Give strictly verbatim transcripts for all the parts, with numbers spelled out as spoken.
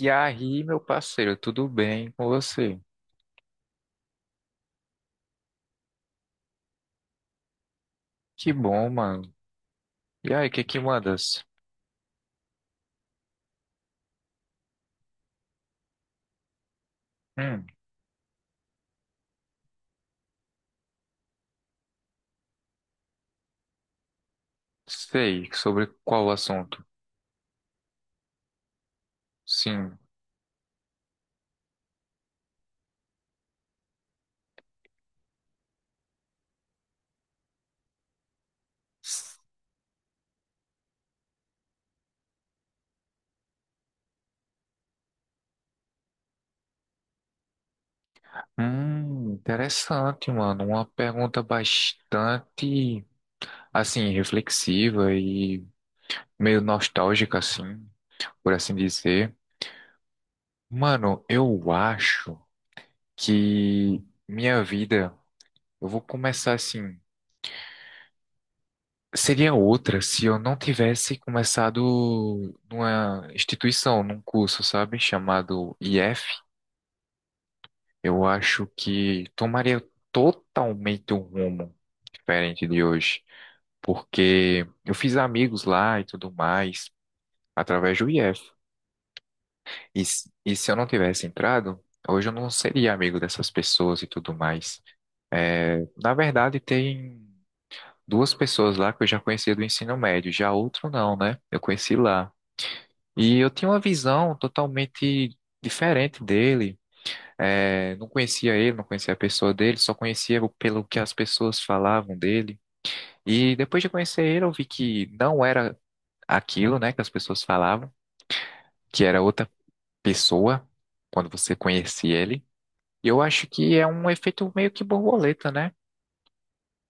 E aí, meu parceiro, tudo bem com você? Que bom, mano. E aí, o que que mandas? Hum, sei, sobre qual assunto? Sim. Hum, interessante, mano. Uma pergunta bastante, assim, reflexiva e meio nostálgica, assim, por assim dizer. Mano, eu acho que minha vida, eu vou começar assim. Seria outra se eu não tivesse começado numa instituição, num curso, sabe, chamado I F. Eu acho que tomaria totalmente um rumo diferente de hoje, porque eu fiz amigos lá e tudo mais através do I F. E, se- e se eu não tivesse entrado, hoje eu não seria amigo dessas pessoas e tudo mais. É, na verdade, tem duas pessoas lá que eu já conhecia do ensino médio, já outro não, né? Eu conheci lá. E eu tinha uma visão totalmente diferente dele. É, não conhecia ele, não conhecia a pessoa dele, só conhecia pelo que as pessoas falavam dele. E depois de conhecer ele, eu vi que não era aquilo, né, que as pessoas falavam, que era outra pessoa quando você conhecia ele. E eu acho que é um efeito meio que borboleta, né?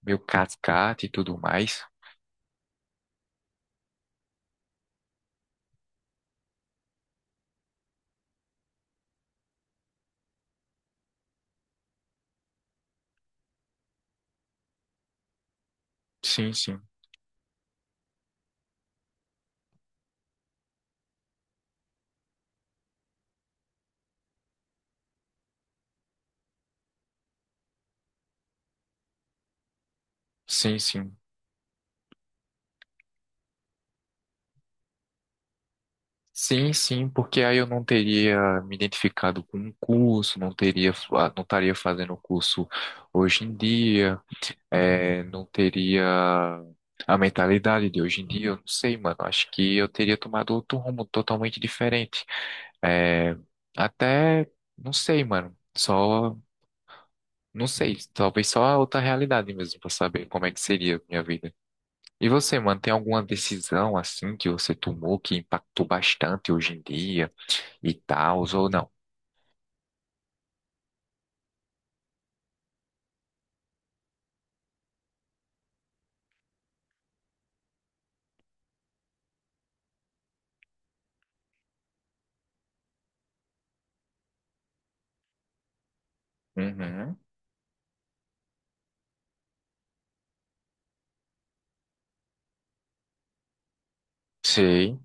Meio cascata e tudo mais. Sim, sim. Sim, sim. Sim, sim, porque aí eu não teria me identificado com um curso, não teria, fa- não estaria fazendo o curso hoje em dia, é, não teria a mentalidade de hoje em dia, eu não sei, mano. Acho que eu teria tomado outro rumo totalmente diferente. É, até, não sei, mano. Só, não sei, talvez só a outra realidade mesmo, pra saber como é que seria a minha vida. E você, mano, tem alguma decisão assim que você tomou que impactou bastante hoje em dia? E tal, ou não. Uhum. Sei.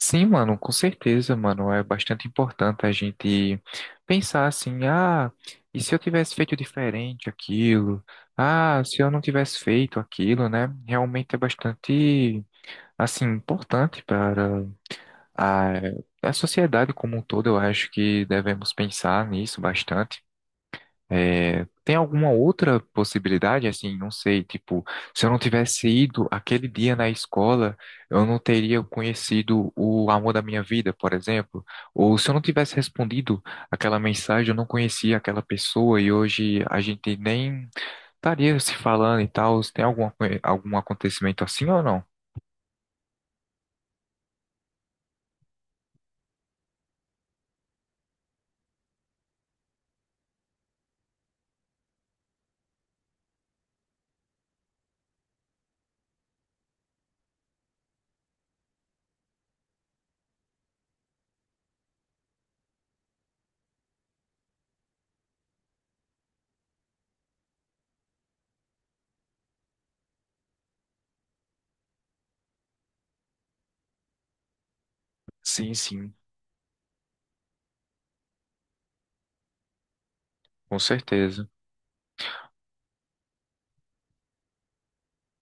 Sim, mano, com certeza, mano. É bastante importante a gente pensar assim, ah, e se eu tivesse feito diferente aquilo? Ah, se eu não tivesse feito aquilo, né? Realmente é bastante, assim, importante para a, a sociedade como um todo. Eu acho que devemos pensar nisso bastante. É, tem alguma outra possibilidade, assim, não sei, tipo, se eu não tivesse ido aquele dia na escola, eu não teria conhecido o amor da minha vida, por exemplo, ou se eu não tivesse respondido aquela mensagem, eu não conhecia aquela pessoa e hoje a gente nem estaria se falando e tal. Tem alguma, coi- algum acontecimento assim ou não? Sim, sim, com certeza.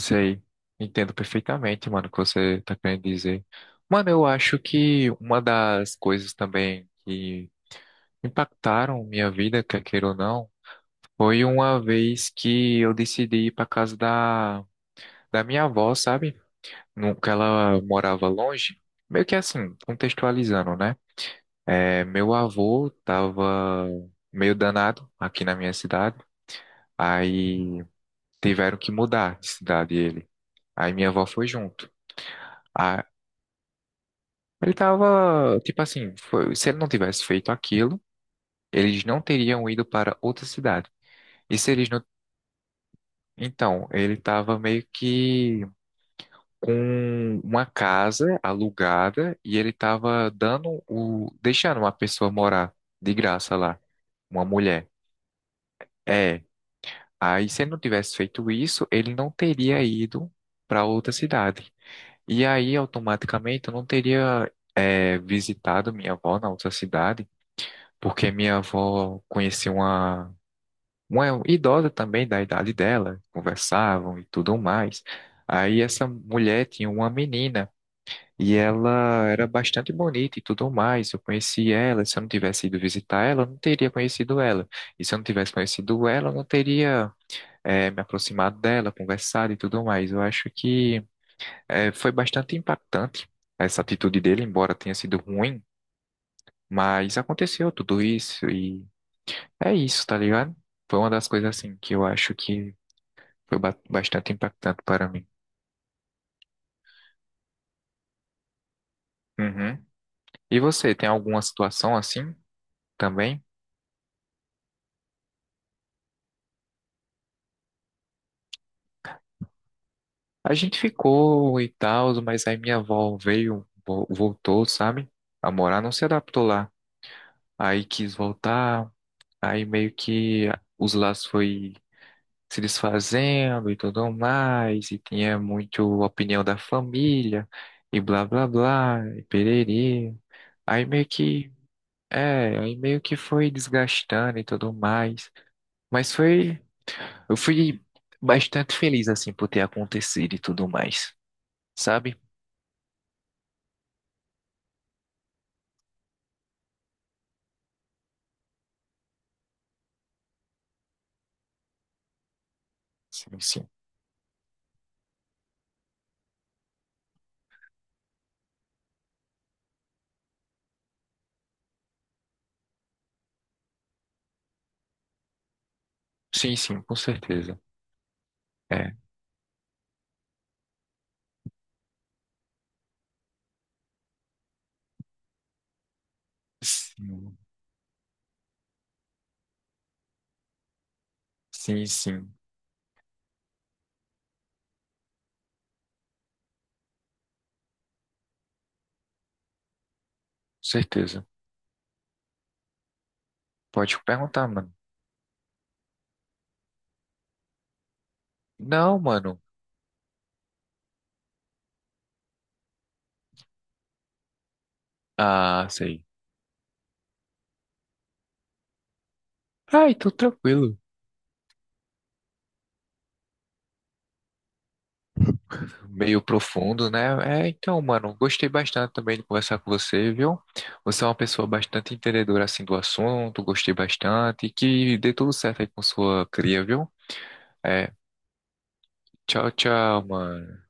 Sei, entendo perfeitamente, mano, o que você tá querendo dizer. Mano, eu acho que uma das coisas também que impactaram minha vida, quer queira ou não, foi uma vez que eu decidi ir pra casa da, da minha avó, sabe? No- Que ela morava longe. Meio que assim, contextualizando, né? É, meu avô tava meio danado aqui na minha cidade, aí tiveram que mudar de cidade ele. Aí minha avó foi junto. Ele tava, tipo assim, foi- se ele não tivesse feito aquilo, eles não teriam ido para outra cidade. E se eles não, então, ele tava meio que com uma casa alugada e ele tava dando o, deixando uma pessoa morar de graça lá, uma mulher. É, aí se ele não tivesse feito isso, ele não teria ido para outra cidade. E aí, automaticamente, eu não teria, é, visitado minha avó na outra cidade porque minha avó conhecia uma, uma idosa também da idade dela, conversavam e tudo mais. Aí essa mulher tinha uma menina e ela era bastante bonita e tudo mais. Eu conheci ela, se eu não tivesse ido visitar ela, eu não teria conhecido ela. E se eu não tivesse conhecido ela, eu não teria eh, me aproximado dela, conversado e tudo mais. Eu acho que eh, foi bastante impactante essa atitude dele, embora tenha sido ruim. Mas aconteceu tudo isso e é isso, tá ligado? Foi uma das coisas assim que eu acho que foi ba- bastante impactante para mim. Uhum. E você, tem alguma situação assim também? A gente ficou e tal, mas aí minha avó veio, vo- voltou, sabe? A morar, não se adaptou lá. Aí quis voltar, aí meio que os laços foi se desfazendo e tudo mais, e tinha muito opinião da família, e blá blá blá, e pererê. Aí meio que é, aí meio que foi desgastando e tudo mais. Mas foi. Eu fui bastante feliz, assim, por ter acontecido e tudo mais. Sabe? Sim, sim. Sim, sim, com certeza. É. Sim, sim, sim. Com certeza. Pode perguntar, mano. Não, mano. Ah, sei. Ai, tô tranquilo. Meio profundo, né? É, então, mano, gostei bastante também de conversar com você, viu? Você é uma pessoa bastante entendedora assim do assunto, gostei bastante. E que dê tudo certo aí com sua cria, viu? É, tchau, tchau, mano.